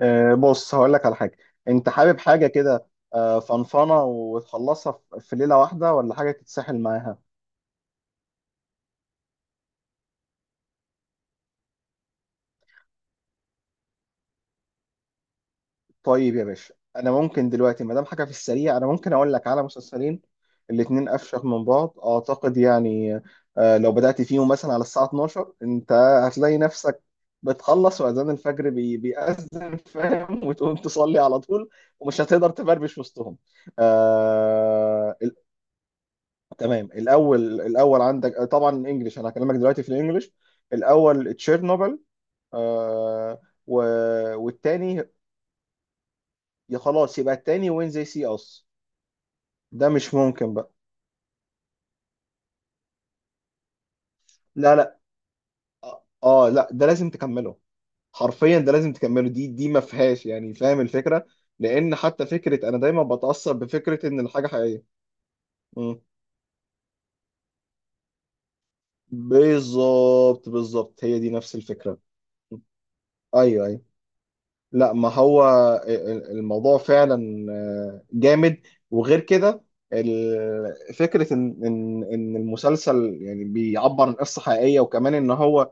بص هقول لك على حاجة. انت حابب حاجة كده؟ فنفنة وتخلصها في ليلة واحدة ولا حاجة تتسحل معاها؟ طيب يا باشا، انا ممكن دلوقتي ما دام حاجة في السريع انا ممكن اقول لك على مسلسلين. الاتنين افشخ من بعض اعتقد، يعني لو بدأت فيهم مثلا على الساعة 12، انت هتلاقي نفسك بتخلص واذان الفجر بيأذن فاهم، وتقوم تصلي على طول ومش هتقدر تبربش وسطهم. آه، تمام. الاول عندك طبعا انجلش، انا هكلمك دلوقتي في الانجليش. الاول تشيرنوبل. آه و... والتاني يا خلاص يبقى التاني وين زي سي اس. ده مش ممكن بقى. لا اه لا، ده لازم تكمله. حرفيا ده لازم تكمله، دي ما فيهاش يعني، فاهم الفكره؟ لان حتى فكره انا دايما بتاثر بفكره ان الحاجه حقيقيه. مم. بالظبط بالظبط، هي دي نفس الفكره. ايوه ايوه، لا ما هو الموضوع فعلا آه، جامد. وغير كده فكرة إن المسلسل يعني بيعبر عن قصة حقيقية، وكمان إن هو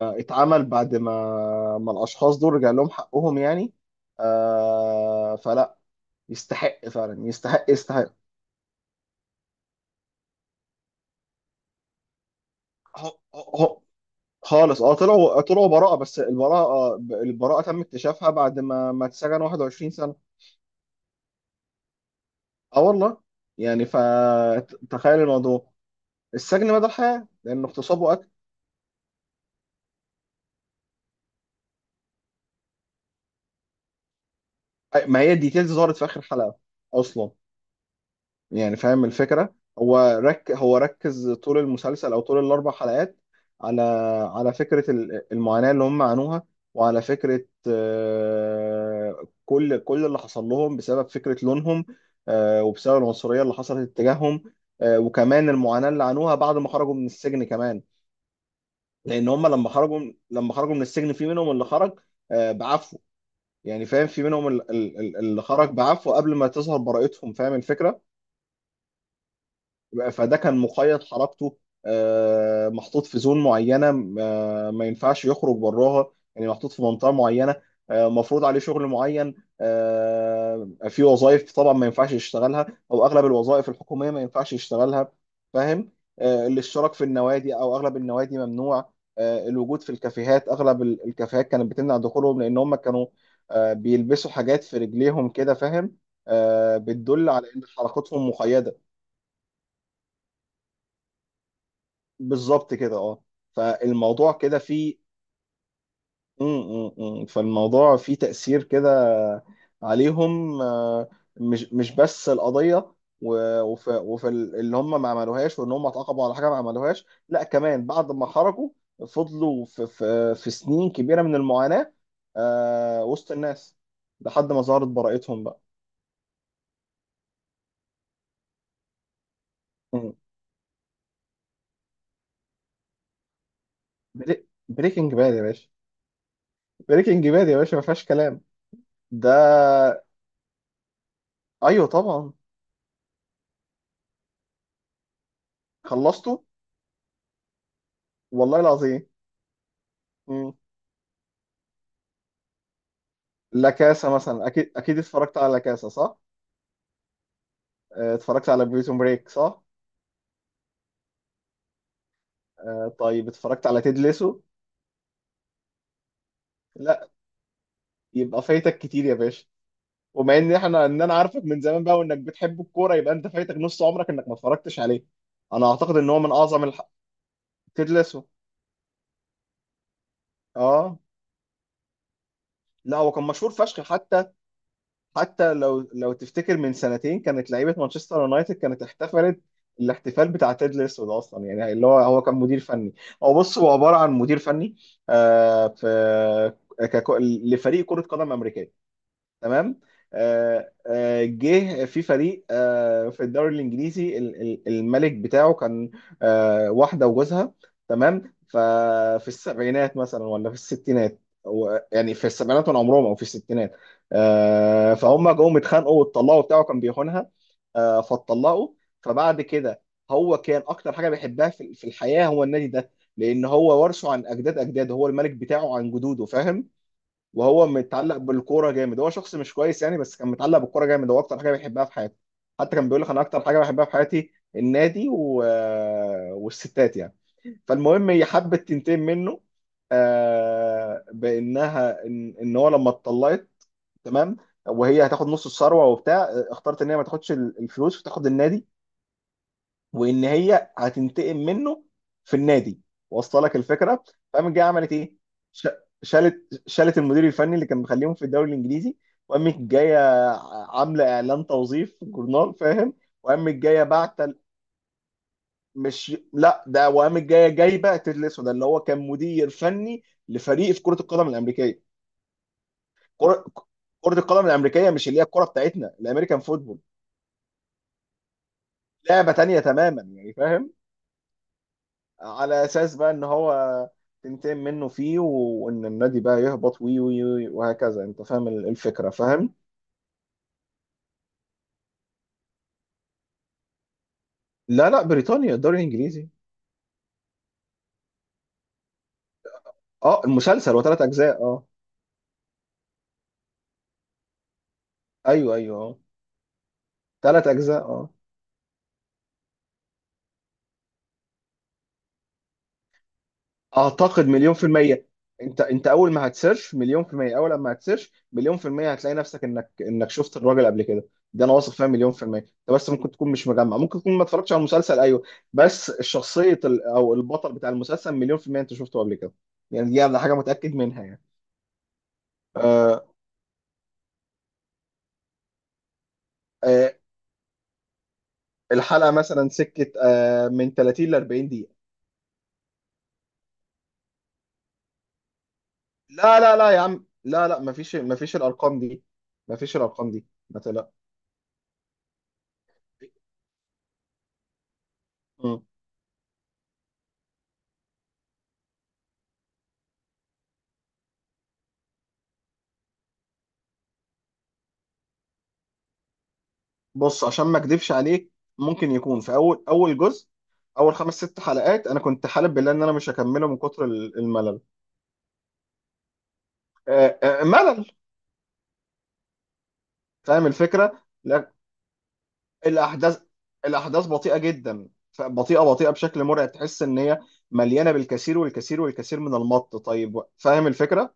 اتعمل بعد ما الأشخاص دول رجع لهم حقهم يعني. فلا يستحق، فعلا يستحق يستحق. هو- هو- خالص. اه طلعوا براءة، بس البراءة تم اكتشافها بعد ما اتسجن 21 سنة. اه والله. يعني فتخيل الموضوع. السجن مدى الحياة لأن اغتصابه ما هي الديتيلز ظهرت في آخر حلقة أصلا. يعني فاهم الفكرة؟ هو هو ركز طول المسلسل أو طول الأربع حلقات على على فكرة المعاناة اللي هم عانوها، وعلى فكرة كل اللي حصل لهم بسبب فكرة لونهم، وبسبب العنصرية اللي حصلت اتجاههم. وكمان المعاناة اللي عانوها بعد ما خرجوا من السجن كمان. لأن هم لما خرجوا، لما خرجوا من السجن، في منهم اللي خرج بعفو. يعني فاهم، في منهم اللي خرج بعفو قبل ما تظهر براءتهم، فاهم الفكرة؟ فده كان مقيد حركته، محطوط في زون معينه. ما ينفعش يخرج براها، يعني محطوط في منطقه معينه. مفروض عليه شغل معين. في وظائف طبعا ما ينفعش يشتغلها، او اغلب الوظائف الحكوميه ما ينفعش يشتغلها، فاهم؟ الاشتراك في النوادي او اغلب النوادي ممنوع. الوجود في الكافيهات، اغلب الكافيهات كانت بتمنع دخولهم، لان هم كانوا بيلبسوا حاجات في رجليهم كده، فاهم، بتدل على ان حركتهم مقيده. بالظبط كده اه. فالموضوع كده فيه م- م- م. فالموضوع فيه تأثير كده عليهم آه، مش مش بس القضية. و- وف وفي اللي هم ما عملوهاش، وان هم اتعاقبوا على حاجة ما عملوهاش، لا كمان بعد ما خرجوا فضلوا في سنين كبيرة من المعاناة آه، وسط الناس، لحد ما ظهرت براءتهم بقى. م. بريكنج باد يا باشا. بريكنج باد يا باشا ما فيهاش كلام. ده؟ ايوه طبعا. خلصته والله العظيم. مم. لا كاسا مثلا، اكيد اتفرجت على لا كاسا صح؟ اتفرجت على بريزون بريك صح؟ طيب اتفرجت على تيد ليسو؟ لا. يبقى فايتك كتير يا باشا. ومع ان احنا انا عارفك من زمان بقى وانك بتحب الكوره، يبقى انت فايتك نص عمرك انك ما اتفرجتش عليه. انا اعتقد ان هو من اعظم تيد ليسو. اه لا، هو كان مشهور فشخ حتى. حتى لو تفتكر من سنتين كانت لعيبه مانشستر يونايتد كانت احتفلت الاحتفال بتاع تيد الاسود اصلا، يعني اللي هو كان مدير فني. هو بص، هو عباره عن مدير فني آه، في ككو- لفريق كره قدم امريكيه. تمام. جه في فريق آه، في الدوري الانجليزي، الملك بتاعه كان واحده وجوزها. تمام. ففي السبعينات مثلا ولا في الستينات، يعني في السبعينات من عمرهم او في الستينات. فهم جم اتخانقوا واتطلقوا، بتاعه كان بيخونها، فاتطلقوا. فبعد كده هو كان اكتر حاجه بيحبها في الحياه هو النادي ده، لان هو ورثه عن اجداد اجداده، هو الملك بتاعه عن جدوده فاهم؟ وهو متعلق بالكوره جامد. هو شخص مش كويس يعني، بس كان متعلق بالكوره جامد، هو اكتر حاجه بيحبها في حياته. حتى كان بيقول لك انا اكتر حاجه بحبها في حياتي النادي والستات يعني. فالمهم هي حبت تنتقم منه، بانها إن هو لما اتطلقت، تمام، وهي هتاخد نص الثروه وبتاع، اختارت ان هي ما تاخدش الفلوس وتاخد النادي، وان هي هتنتقم منه في النادي. واصله لك الفكره؟ فقامت جايه عملت ايه؟ ش- شالت المدير الفني اللي كان مخليهم في الدوري الانجليزي، وقامت جايه عامله اعلان توظيف في الجورنال فاهم، وقامت جايه بعت. مش لا، ده وقامت جايه جايبه تيد الاسود اللي هو كان مدير فني لفريق في كره القدم الامريكيه. كره كرة القدم الامريكيه، مش اللي هي الكره بتاعتنا، الامريكان فوتبول. لعبه تانيه تماما يعني، فاهم؟ على اساس بقى ان هو تنتقم منه فيه، وان النادي بقى يهبط وي وهكذا. انت فاهم الفكره، فاهم؟ لا لا، بريطانيا، الدوري الانجليزي. اه المسلسل وثلاث اجزاء اه. ايوه اه، ثلاث اجزاء اه. اعتقد مليون في المية. انت اول ما هتسيرش مليون في المية، اول ما هتسيرش مليون في المية هتلاقي نفسك انك شفت الراجل قبل كده. ده انا واثق فيها مليون في المية. انت بس ممكن تكون مش مجمع، ممكن تكون ما اتفرجتش على المسلسل، ايوه، بس الشخصية او البطل بتاع المسلسل مليون في المية انت شفته قبل كده. يعني دي حاجة متأكد منها يعني. آه. آه. الحلقة مثلا سكة آه من 30 ل 40 دقيقة. لا يا عم، لا مفيش، مفيش الارقام دي. مفيش الارقام دي، ما تقلقش. بص، عشان ما اكدبش عليك، ممكن يكون في اول جزء، اول خمس ست حلقات، انا كنت حالب بالله ان انا مش هكمله من كتر الملل. ملل. فاهم الفكره؟ لا الاحداث الاحداث بطيئه جدا، بطيئه بشكل مرعب، تحس ان هي مليانه بالكثير والكثير والكثير من المط طيب، فاهم الفكره؟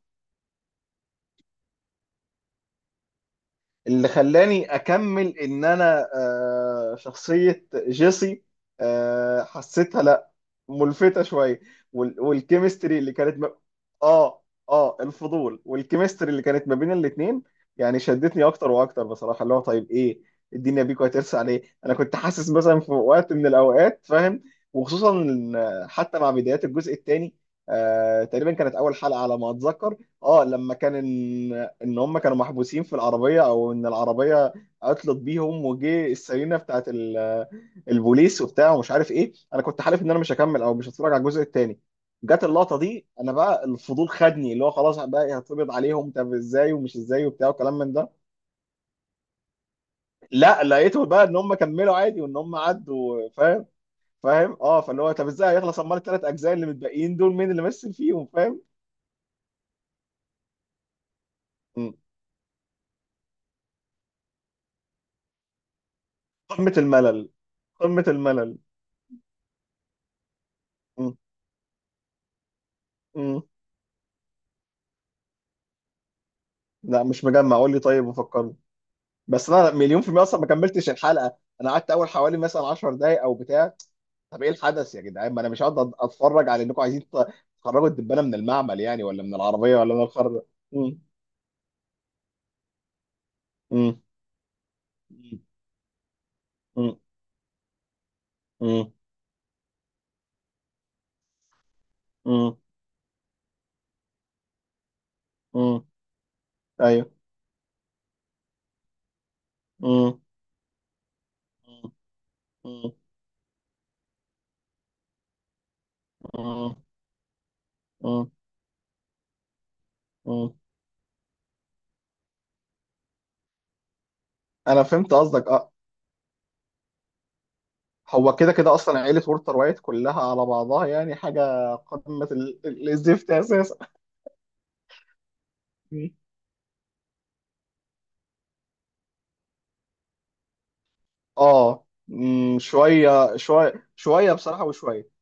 اللي خلاني اكمل ان انا آه، شخصية جيسي حسيتها، لا، ملفتة شوية، والكيمستري اللي كانت ما... اه. اه الفضول والكيمستري اللي كانت ما بين الاتنين يعني شدتني اكتر واكتر بصراحة. اللي هو طيب ايه الدنيا بيكو هترسى على ايه، انا كنت حاسس مثلا في وقت من الاوقات فاهم. وخصوصا إن حتى مع بدايات الجزء الثاني آه تقريبا كانت اول حلقة على ما اتذكر، اه لما كان ان هم كانوا محبوسين في العربيه، او ان العربيه عطلت بيهم وجه السيرينا بتاعت البوليس وبتاع ومش عارف ايه، انا كنت حالف ان انا مش هكمل او مش هتفرج على الجزء الثاني. جت اللقطه دي، انا بقى الفضول خدني، اللي هو خلاص بقى إيه، هتقبض عليهم طب ازاي ومش ازاي وبتاع وكلام من ده. لا لقيته بقى ان هم كملوا عادي وان هم عدوا فاهم. فاهم اه، فاللي هو طب ازاي هيخلص، امال الثلاث اجزاء اللي متبقيين دول مين اللي مثل فيهم فاهم. م. قمه الملل، قمه الملل. م. م. لا مش مجمع، قول لي طيب وفكرني. بس انا مليون في المية اصلا ما كملتش الحلقة. انا قعدت اول حوالي مثلا 10 دقايق او بتاع. طب ايه الحدث يا جدعان، ما انا مش هقعد اتفرج على انكم عايزين تخرجوا الدبانة من المعمل، يعني ولا من العربية ولا من الخر ده. مم. مم. مم. مم. مم. مم. ايوه. مم. مم. مم. مم. مم. انا فهمت قصدك اه. هو كده كده اصلا عيلة وولتر وايت كلها على بعضها، يعني حاجة قمة الزفت اساسا. اه مم، شويه بصراحه وشويه